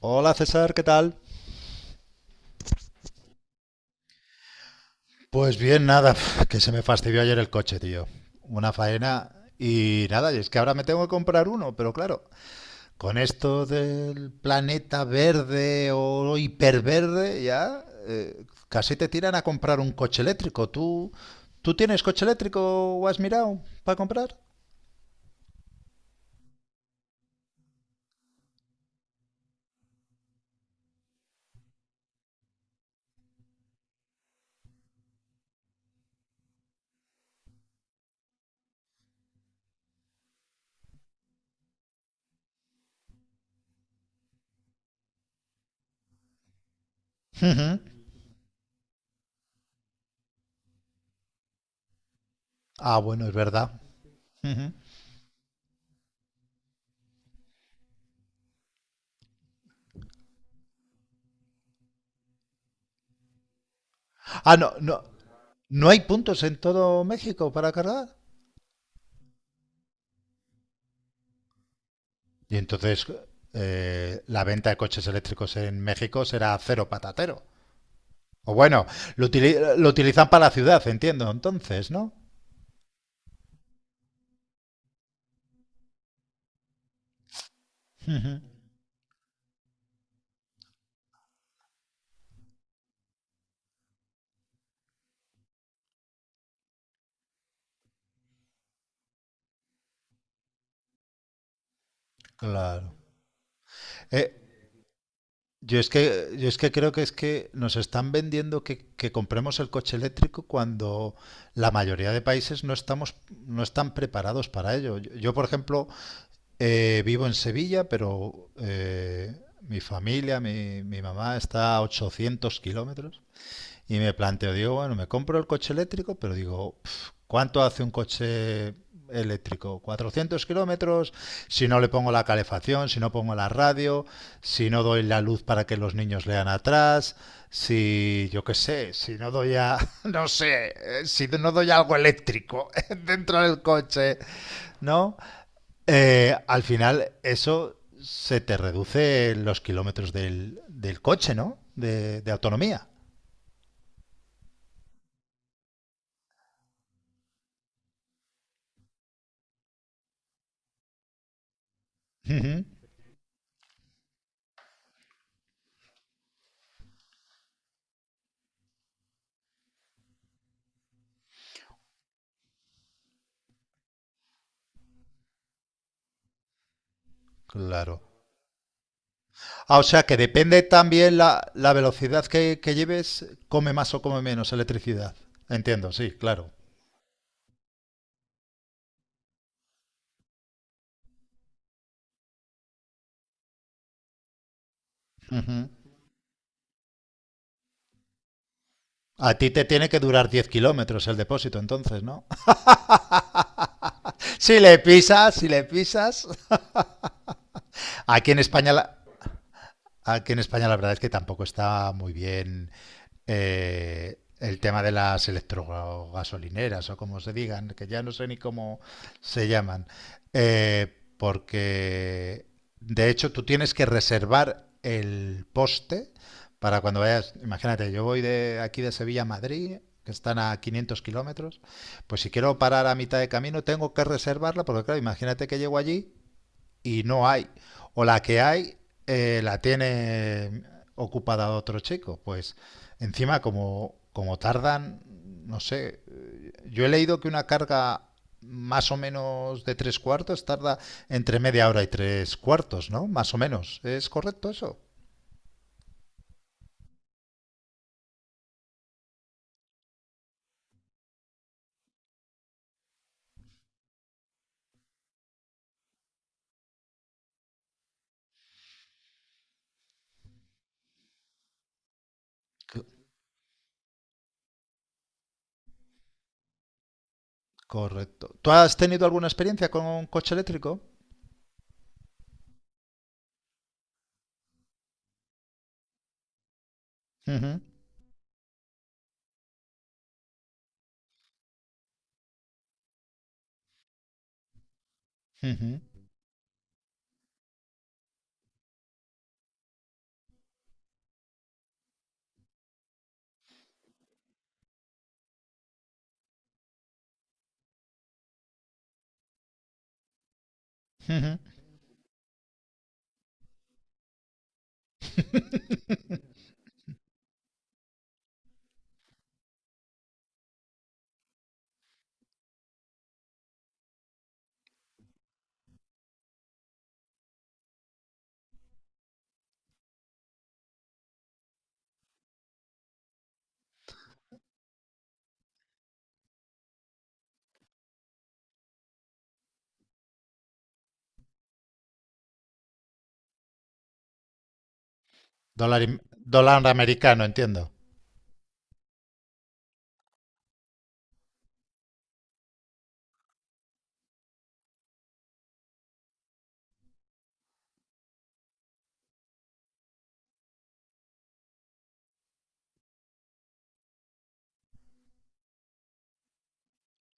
Hola César, ¿qué tal? Pues bien, nada, que se me fastidió ayer el coche, tío. Una faena y nada, y es que ahora me tengo que comprar uno, pero claro, con esto del planeta verde o hiperverde ya casi te tiran a comprar un coche eléctrico. ¿Tú tienes coche eléctrico o has mirado para comprar? Ujú. Ah, bueno, es verdad. Ujú. Ah, no, no, ¿no hay puntos en todo México para cargar? Y entonces la venta de coches eléctricos en México será cero patatero. O bueno, lo utilizan para la ciudad, entiendo, entonces, ¿no? Claro. Eh, yo es que creo que es que nos están vendiendo que compremos el coche eléctrico cuando la mayoría de países no están preparados para ello. Por ejemplo, vivo en Sevilla, pero mi familia, mi mamá está a 800 kilómetros. Y me planteo, digo, bueno, me compro el coche eléctrico, pero digo, pf, ¿cuánto hace un coche eléctrico? Cuatrocientos kilómetros, si no le pongo la calefacción, si no pongo la radio, si no doy la luz para que los niños lean atrás, si yo qué sé, si no doy a, no sé, si no doy algo eléctrico dentro del coche, ¿no? Al final eso se te reduce los kilómetros del coche, ¿no? De autonomía. Ujú. Claro. Ah, o sea que depende también la velocidad que lleves, come más o come menos electricidad. Entiendo, sí, claro. Ujú. A ti te tiene que durar 10 kilómetros el depósito, entonces, ¿no? Si le pisas. Aquí en España la- Aquí en España la verdad es que tampoco está muy bien el tema de las electrogasolineras o como se digan, que ya no sé ni cómo se llaman, porque de hecho tú tienes que reservar el poste para cuando vayas, imagínate, yo voy de aquí de Sevilla a Madrid, que están a 500 kilómetros, pues si quiero parar a mitad de camino tengo que reservarla, porque claro, imagínate que llego allí y no hay. O la que hay la tiene ocupada otro chico. Pues encima como tardan, no sé, yo he leído que una carga más o menos de tres cuartos tarda entre media hora y tres cuartos, ¿no? Más o menos. ¿Es correcto eso? Co- Correcto. ¿Tú has tenido alguna experiencia con un coche eléctrico? Ujú, ujú, ujú. Dólar americano, entiendo.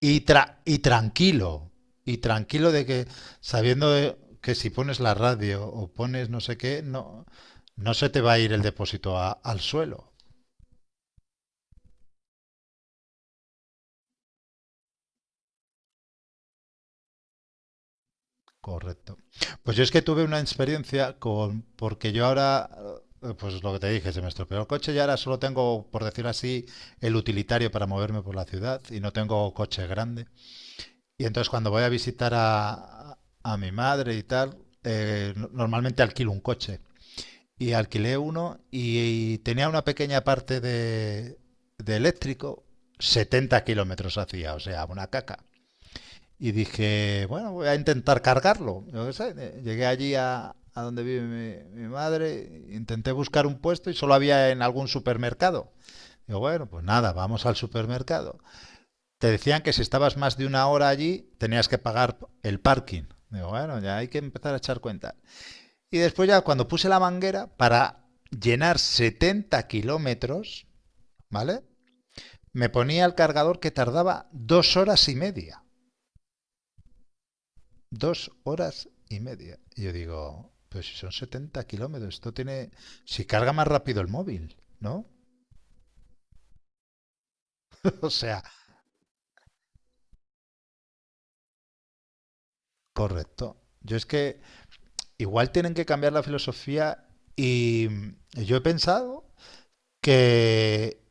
Y, tra- y tranquilo, y tranquilo de que sabiendo que si pones la radio o pones no sé qué, no, no se te va a ir el depósito al suelo. Correcto. Pues yo es que tuve una experiencia con, porque yo ahora, pues lo que te dije, se me estropeó el coche y ahora solo tengo, por decir así, el utilitario para moverme por la ciudad y no tengo coche grande. Y entonces cuando voy a visitar a mi madre y tal, normalmente alquilo un coche. Y alquilé uno y tenía una pequeña parte de eléctrico, 70 kilómetros hacía, o sea, una caca. Y dije, bueno, voy a intentar cargarlo. Yo qué sé, llegué allí a donde vive mi madre, intenté buscar un puesto y solo había en algún supermercado. Digo, bueno, pues nada, vamos al supermercado. Te decían que si estabas más de una hora allí, tenías que pagar el parking. Digo, bueno, ya hay que empezar a echar cuenta. Y después ya cuando puse la manguera para llenar 70 kilómetros, ¿vale? Me ponía el cargador que tardaba dos horas y media. Dos horas y media. Y yo digo, pues si son 70 kilómetros, esto tiene... Si carga más rápido el móvil, ¿no? O sea, correcto. Yo es que igual tienen que cambiar la filosofía y yo he pensado que,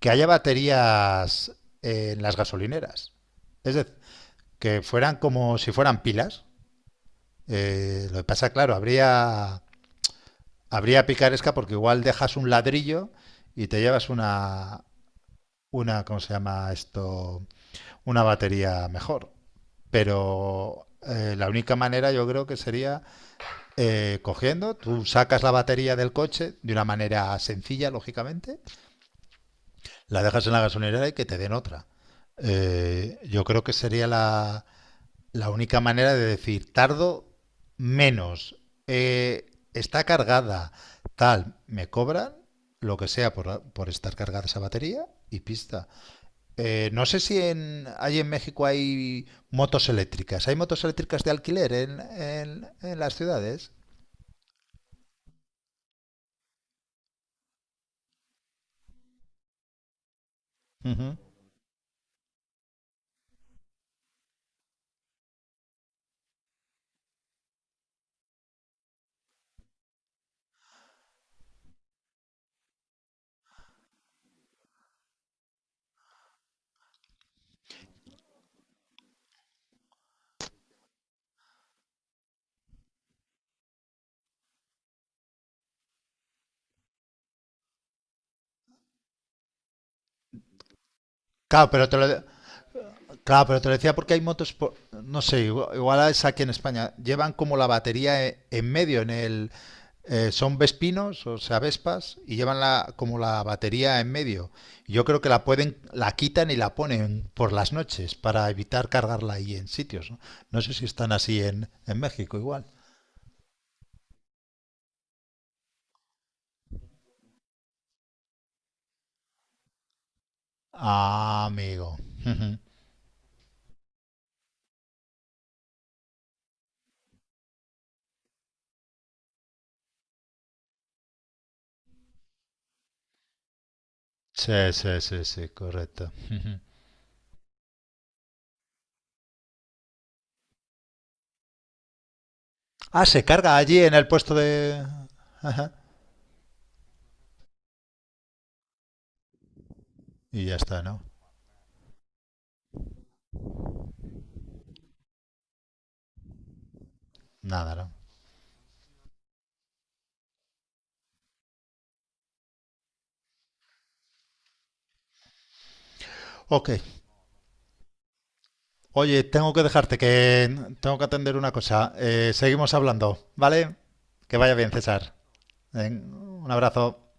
que haya baterías en las gasolineras. Es decir, que fueran como si fueran pilas. Lo que pasa, claro, habría picaresca porque igual dejas un ladrillo y te llevas una ¿cómo se llama esto? Una batería mejor. Pero la única manera yo creo que sería cogiendo, tú sacas la batería del coche de una manera sencilla, lógicamente, la dejas en la gasolinera y que te den otra. Yo creo que sería la, La única manera de decir tardo menos, eh, está cargada, tal, me cobran lo que sea por estar cargada esa batería y pista. No sé si en, hay en México hay motos eléctricas. ¿Hay motos eléctricas de alquiler en las ciudades? Ujú. Claro, pero te lo, Claro, pero te lo decía porque hay motos, no sé, igual es aquí en España, llevan como la batería en medio, en el, son vespinos, o sea, vespas, y llevan la, como la batería en medio. Yo creo que la pueden, la quitan y la ponen por las noches para evitar cargarla ahí en sitios, ¿no? No sé si están así en México igual. Ah, amigo. Ujú. Sí, sí, sí, sí, correcto. Ujú. Ah, se carga allí en el puesto de... Ajá. Y ya está, ¿no? Nada, ¿no? Ok, oye, tengo que dejarte que tengo que atender una cosa. Seguimos hablando, ¿vale? Que vaya bien, César. Ven, un abrazo.